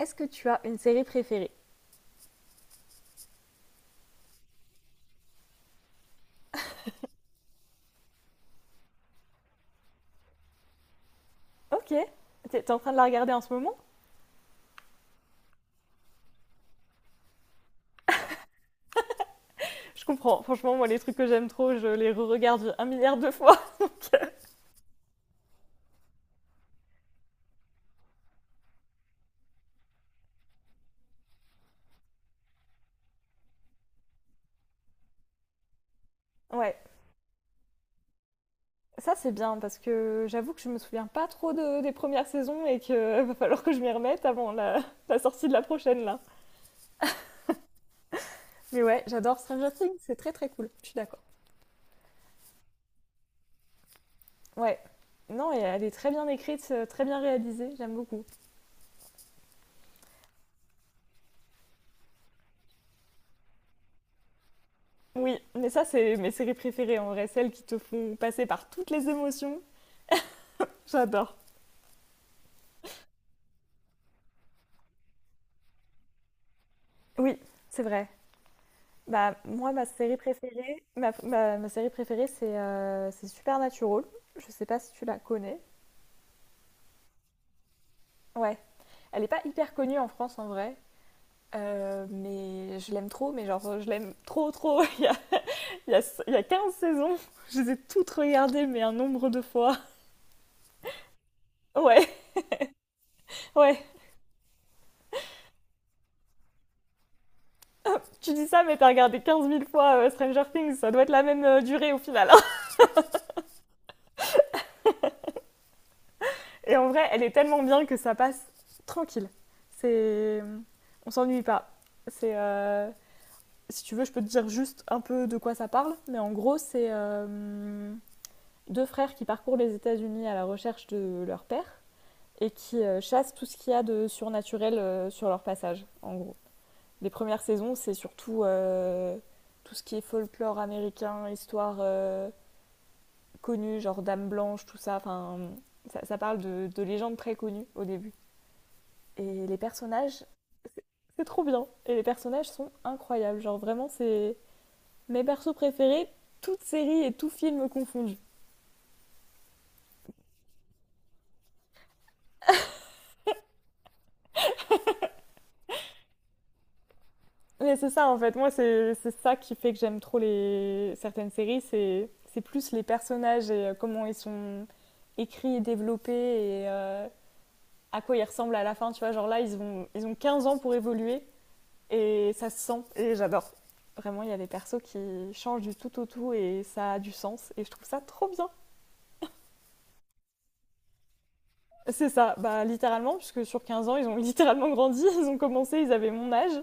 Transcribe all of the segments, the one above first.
Est-ce que tu as une série préférée? Ok. T'es en train de la regarder en ce moment? Je comprends. Franchement, moi, les trucs que j'aime trop, je les re-regarde un milliard de fois. Ouais. Ça, c'est bien parce que j'avoue que je me souviens pas trop des premières saisons et qu'il va falloir que je m'y remette avant la, la sortie de la prochaine, là. Mais ouais, j'adore Stranger Things. C'est très, très cool. Je suis d'accord. Ouais. Non, et elle est très bien écrite, très bien réalisée, j'aime beaucoup. Oui, mais ça, c'est mes séries préférées en vrai, celles qui te font passer par toutes les émotions. J'adore. Oui, c'est vrai. Bah, moi, ma série préférée, ma série préférée, c'est Supernatural. Je sais pas si tu la connais. Ouais. Elle n'est pas hyper connue en France en vrai, mais je l'aime trop. Mais genre, je l'aime trop, trop. Il y a, il y a 15 saisons. Je les ai toutes regardées, mais un nombre de fois. Ouais, ouais. Tu dis ça, mais t'as regardé quinze mille fois Stranger Things. Ça doit être la même durée au final, hein. Et en vrai, elle est tellement bien que ça passe tranquille. C'est... On s'ennuie pas. C'est... euh, Si tu veux, je peux te dire juste un peu de quoi ça parle, mais en gros, c'est deux frères qui parcourent les États-Unis à la recherche de leur père et qui chassent tout ce qu'il y a de surnaturel sur leur passage, en gros. Les premières saisons, c'est surtout tout ce qui est folklore américain, histoire connue, genre Dame Blanche, tout ça. Enfin, ça parle de légendes très connues au début. Et les personnages, c'est trop bien. Et les personnages sont incroyables. Genre, vraiment, c'est mes persos préférés, toutes séries et tout film confondus. Mais c'est ça en fait, moi c'est ça qui fait que j'aime trop les certaines séries, c'est plus les personnages et comment ils sont écrits et développés et à quoi ils ressemblent à la fin, tu vois, genre là ils ont 15 ans pour évoluer et ça se sent et j'adore. Vraiment, il y a des persos qui changent du tout au tout et ça a du sens et je trouve ça trop bien. C'est ça, bah littéralement puisque sur 15 ans, ils ont littéralement grandi, ils ont commencé, ils avaient mon âge.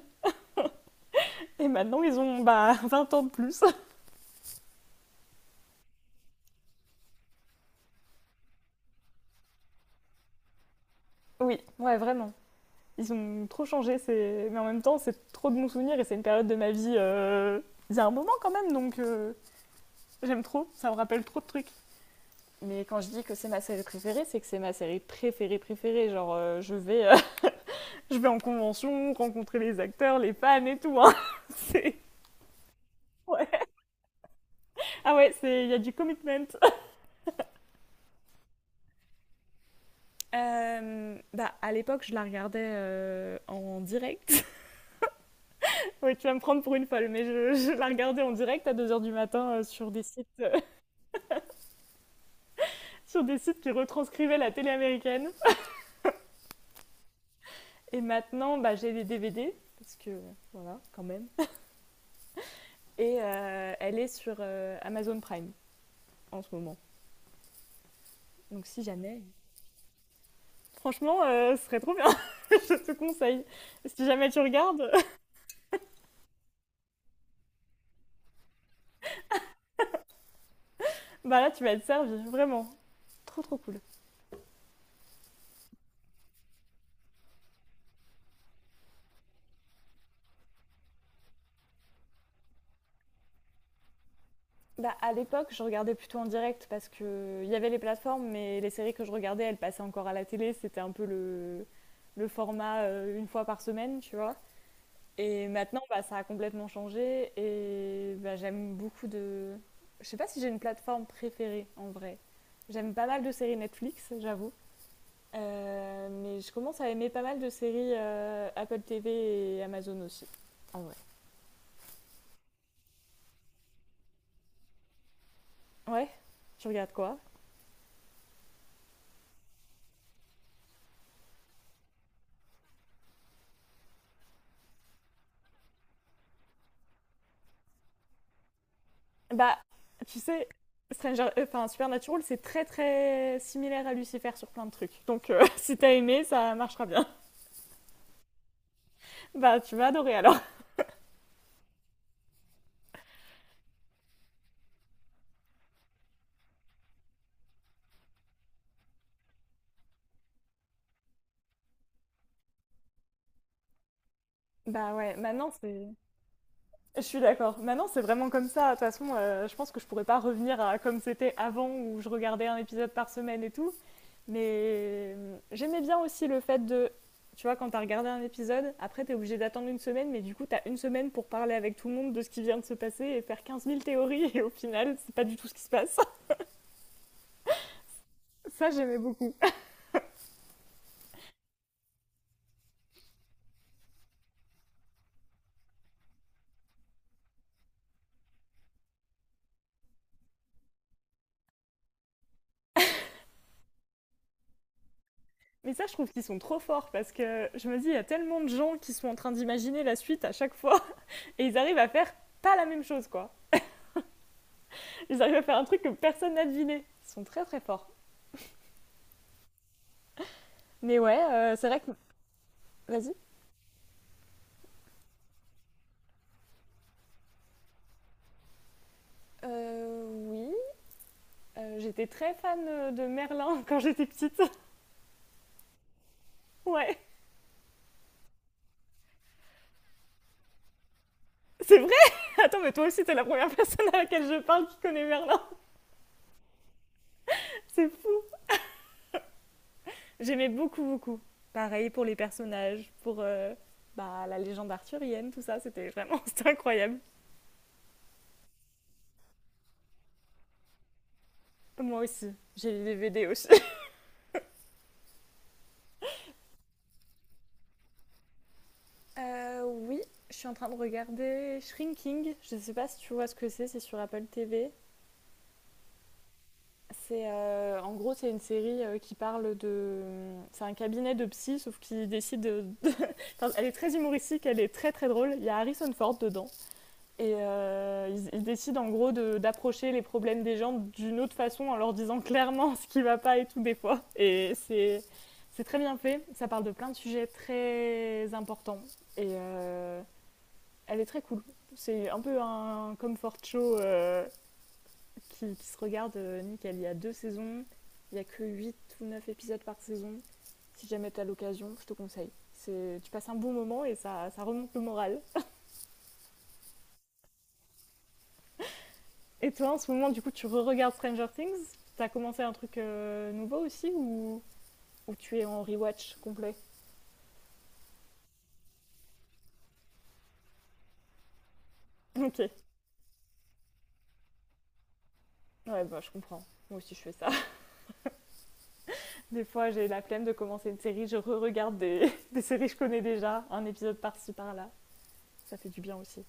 Et maintenant, ils ont bah, 20 ans de plus. Oui, ouais, vraiment. Ils ont trop changé, c'est... mais en même temps, c'est trop de bons souvenirs et c'est une période de ma vie. Il y a un moment quand même, donc j'aime trop, ça me rappelle trop de trucs. Mais quand je dis que c'est ma série préférée, c'est que c'est ma série préférée préférée. Genre, je vais, je vais en convention, rencontrer les acteurs, les fans et tout, hein. C'est- ouais. Ah ouais, c'est- il y a du commitment. Bah, à l'époque, je la regardais en direct. Oui, tu vas me prendre pour une folle, mais je la regardais en direct à 2 heures du matin sur des sites, sur des sites qui retranscrivaient la télé américaine. Et maintenant, bah, j'ai les DVD, parce que voilà, quand même. Et elle est sur Amazon Prime en ce moment. Donc si jamais, franchement, ce serait trop bien, je te conseille. Si jamais tu regardes, bah là, tu vas être servi, vraiment. Trop trop cool. Bah, à l'époque, je regardais plutôt en direct parce que il y avait les plateformes, mais les séries que je regardais, elles passaient encore à la télé. C'était un peu le format une fois par semaine, tu vois. Et maintenant, bah, ça a complètement changé et bah, j'aime beaucoup de... Je sais pas si j'ai une plateforme préférée en vrai. J'aime pas mal de séries Netflix, j'avoue. Mais je commence à aimer pas mal de séries Apple TV et Amazon aussi, en vrai. Ouais, tu regardes quoi? Bah, tu sais, Supernatural, c'est très très similaire à Lucifer sur plein de trucs. Donc, si t'as aimé, ça marchera bien. Bah, tu vas adorer alors. Bah ouais, maintenant c'est. Je suis d'accord. Maintenant c'est vraiment comme ça. De toute façon, je pense que je pourrais pas revenir à comme c'était avant où je regardais un épisode par semaine et tout. Mais j'aimais bien aussi le fait de. Tu vois, quand t'as regardé un épisode, après t'es obligé d'attendre une semaine, mais du coup t'as une semaine pour parler avec tout le monde de ce qui vient de se passer et faire quinze mille théories, et au final, c'est pas du tout ce qui se passe. Ça, j'aimais beaucoup. Mais ça, je trouve qu'ils sont trop forts parce que je me dis, il y a tellement de gens qui sont en train d'imaginer la suite à chaque fois et ils arrivent à faire pas la même chose, quoi. Ils arrivent à faire un truc que personne n'a deviné. Ils sont très très forts. Mais ouais, c'est vrai que. Vas-y. Oui. J'étais très fan de Merlin quand j'étais petite. Ouais. C'est vrai. Attends, mais toi aussi, t'es la première personne à laquelle je parle qui connaît Merlin. C'est fou. J'aimais beaucoup, beaucoup. Pareil pour les personnages, pour bah, la légende arthurienne, tout ça, c'était vraiment c'était incroyable. Moi aussi, j'ai les DVD aussi. Oui, je suis en train de regarder Shrinking. Je ne sais pas si tu vois ce que c'est sur Apple TV. C'est en gros c'est une série qui parle de c'est un cabinet de psy sauf qu'il décide de... Enfin, elle est très humoristique, elle est très très drôle. Il y a Harrison Ford dedans. Et ils décident en gros d'approcher les problèmes des gens d'une autre façon en leur disant clairement ce qui va pas et tout des fois. Et c'est très bien fait. Ça parle de plein de sujets très importants. Et elle est très cool. C'est un peu un comfort show qui se regarde nickel. Il y a deux saisons. Il y a que 8 ou 9 épisodes par saison. Si jamais tu as l'occasion, je te conseille. C'est- Tu passes un bon moment et ça remonte le moral. Et toi, en ce moment, du coup, tu re-regardes Stranger Things? T'as commencé un truc nouveau aussi ou tu es en rewatch complet? Ok. Ouais, bah je comprends. Moi aussi, je fais ça. Des fois, j'ai la flemme de commencer une série, je re-regarde des... des séries que je connais déjà, un épisode par-ci, par-là. Ça fait du bien aussi.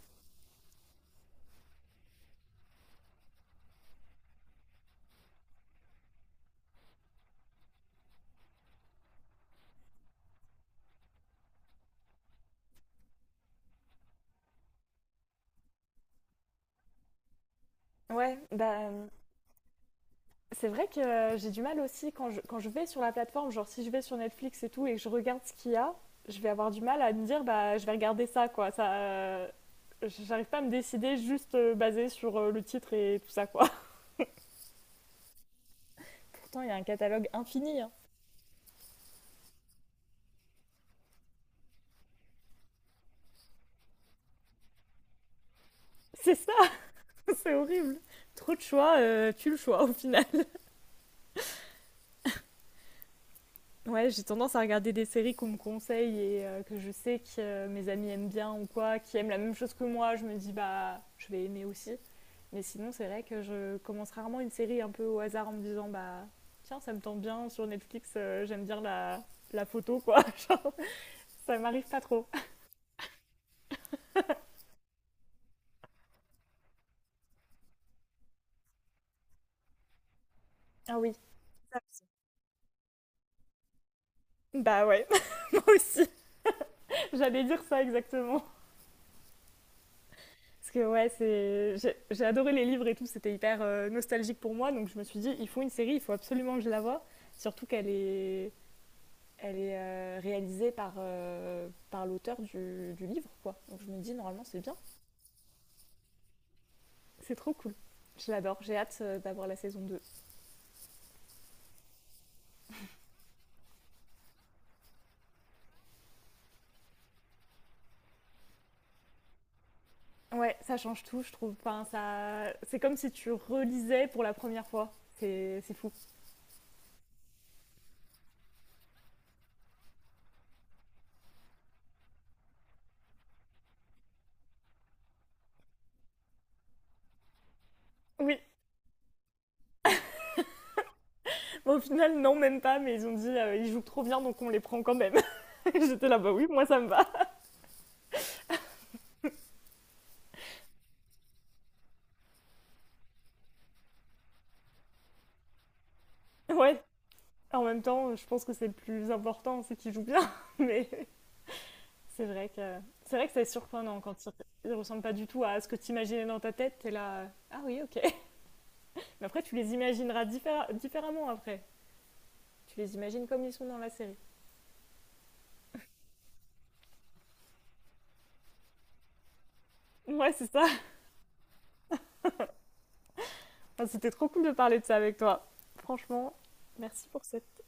Ouais, c'est vrai que j'ai du mal aussi quand quand je vais sur la plateforme, genre si je vais sur Netflix et tout et que je regarde ce qu'il y a, je vais avoir du mal à me dire bah je vais regarder ça quoi. J'arrive pas à me décider juste basé sur le titre et tout ça quoi. Pourtant, il y a un catalogue infini, hein. C'est ça, c'est horrible. Trop de choix, tu le choix au final. Ouais, j'ai tendance à regarder des séries qu'on me conseille et que je sais que mes amis aiment bien ou quoi, qui aiment la même chose que moi. Je me dis, bah, je vais aimer aussi. Mais sinon, c'est vrai que je commence rarement une série un peu au hasard en me disant, bah, tiens, ça me tente bien sur Netflix, j'aime bien la, la photo, quoi. Genre, ça m'arrive pas trop. Ah oui. Bah ouais, moi aussi. J'allais dire ça exactement. Parce que ouais, c'est... j'ai adoré les livres et tout, c'était hyper nostalgique pour moi, donc je me suis dit, il faut une série, il faut absolument que je la voie, surtout qu'elle est, elle est réalisée par, par l'auteur du livre, quoi. Donc je me dis, normalement, c'est bien, c'est trop cool. Je l'adore, j'ai hâte d'avoir la saison deux. Ouais, ça change tout, je trouve. Enfin, ça... C'est comme si tu relisais pour la première fois. C'est fou. Oui, bon, au final, non, même pas, mais ils ont dit, ils jouent trop bien, donc on les prend quand même. J'étais là, bah oui, moi ça me va. Ouais, en même temps, je pense que c'est le plus important, c'est qu'il joue bien. Mais c'est vrai que c'est surprenant quand ils ressemblent pas du tout à ce que tu imaginais dans ta tête. T'es là, ah oui, ok. Mais après, tu les imagineras différemment après. Tu les imagines comme ils sont dans la série. Ouais, c'est ça. Enfin, c'était trop cool de parler de ça avec toi. Franchement, merci pour cette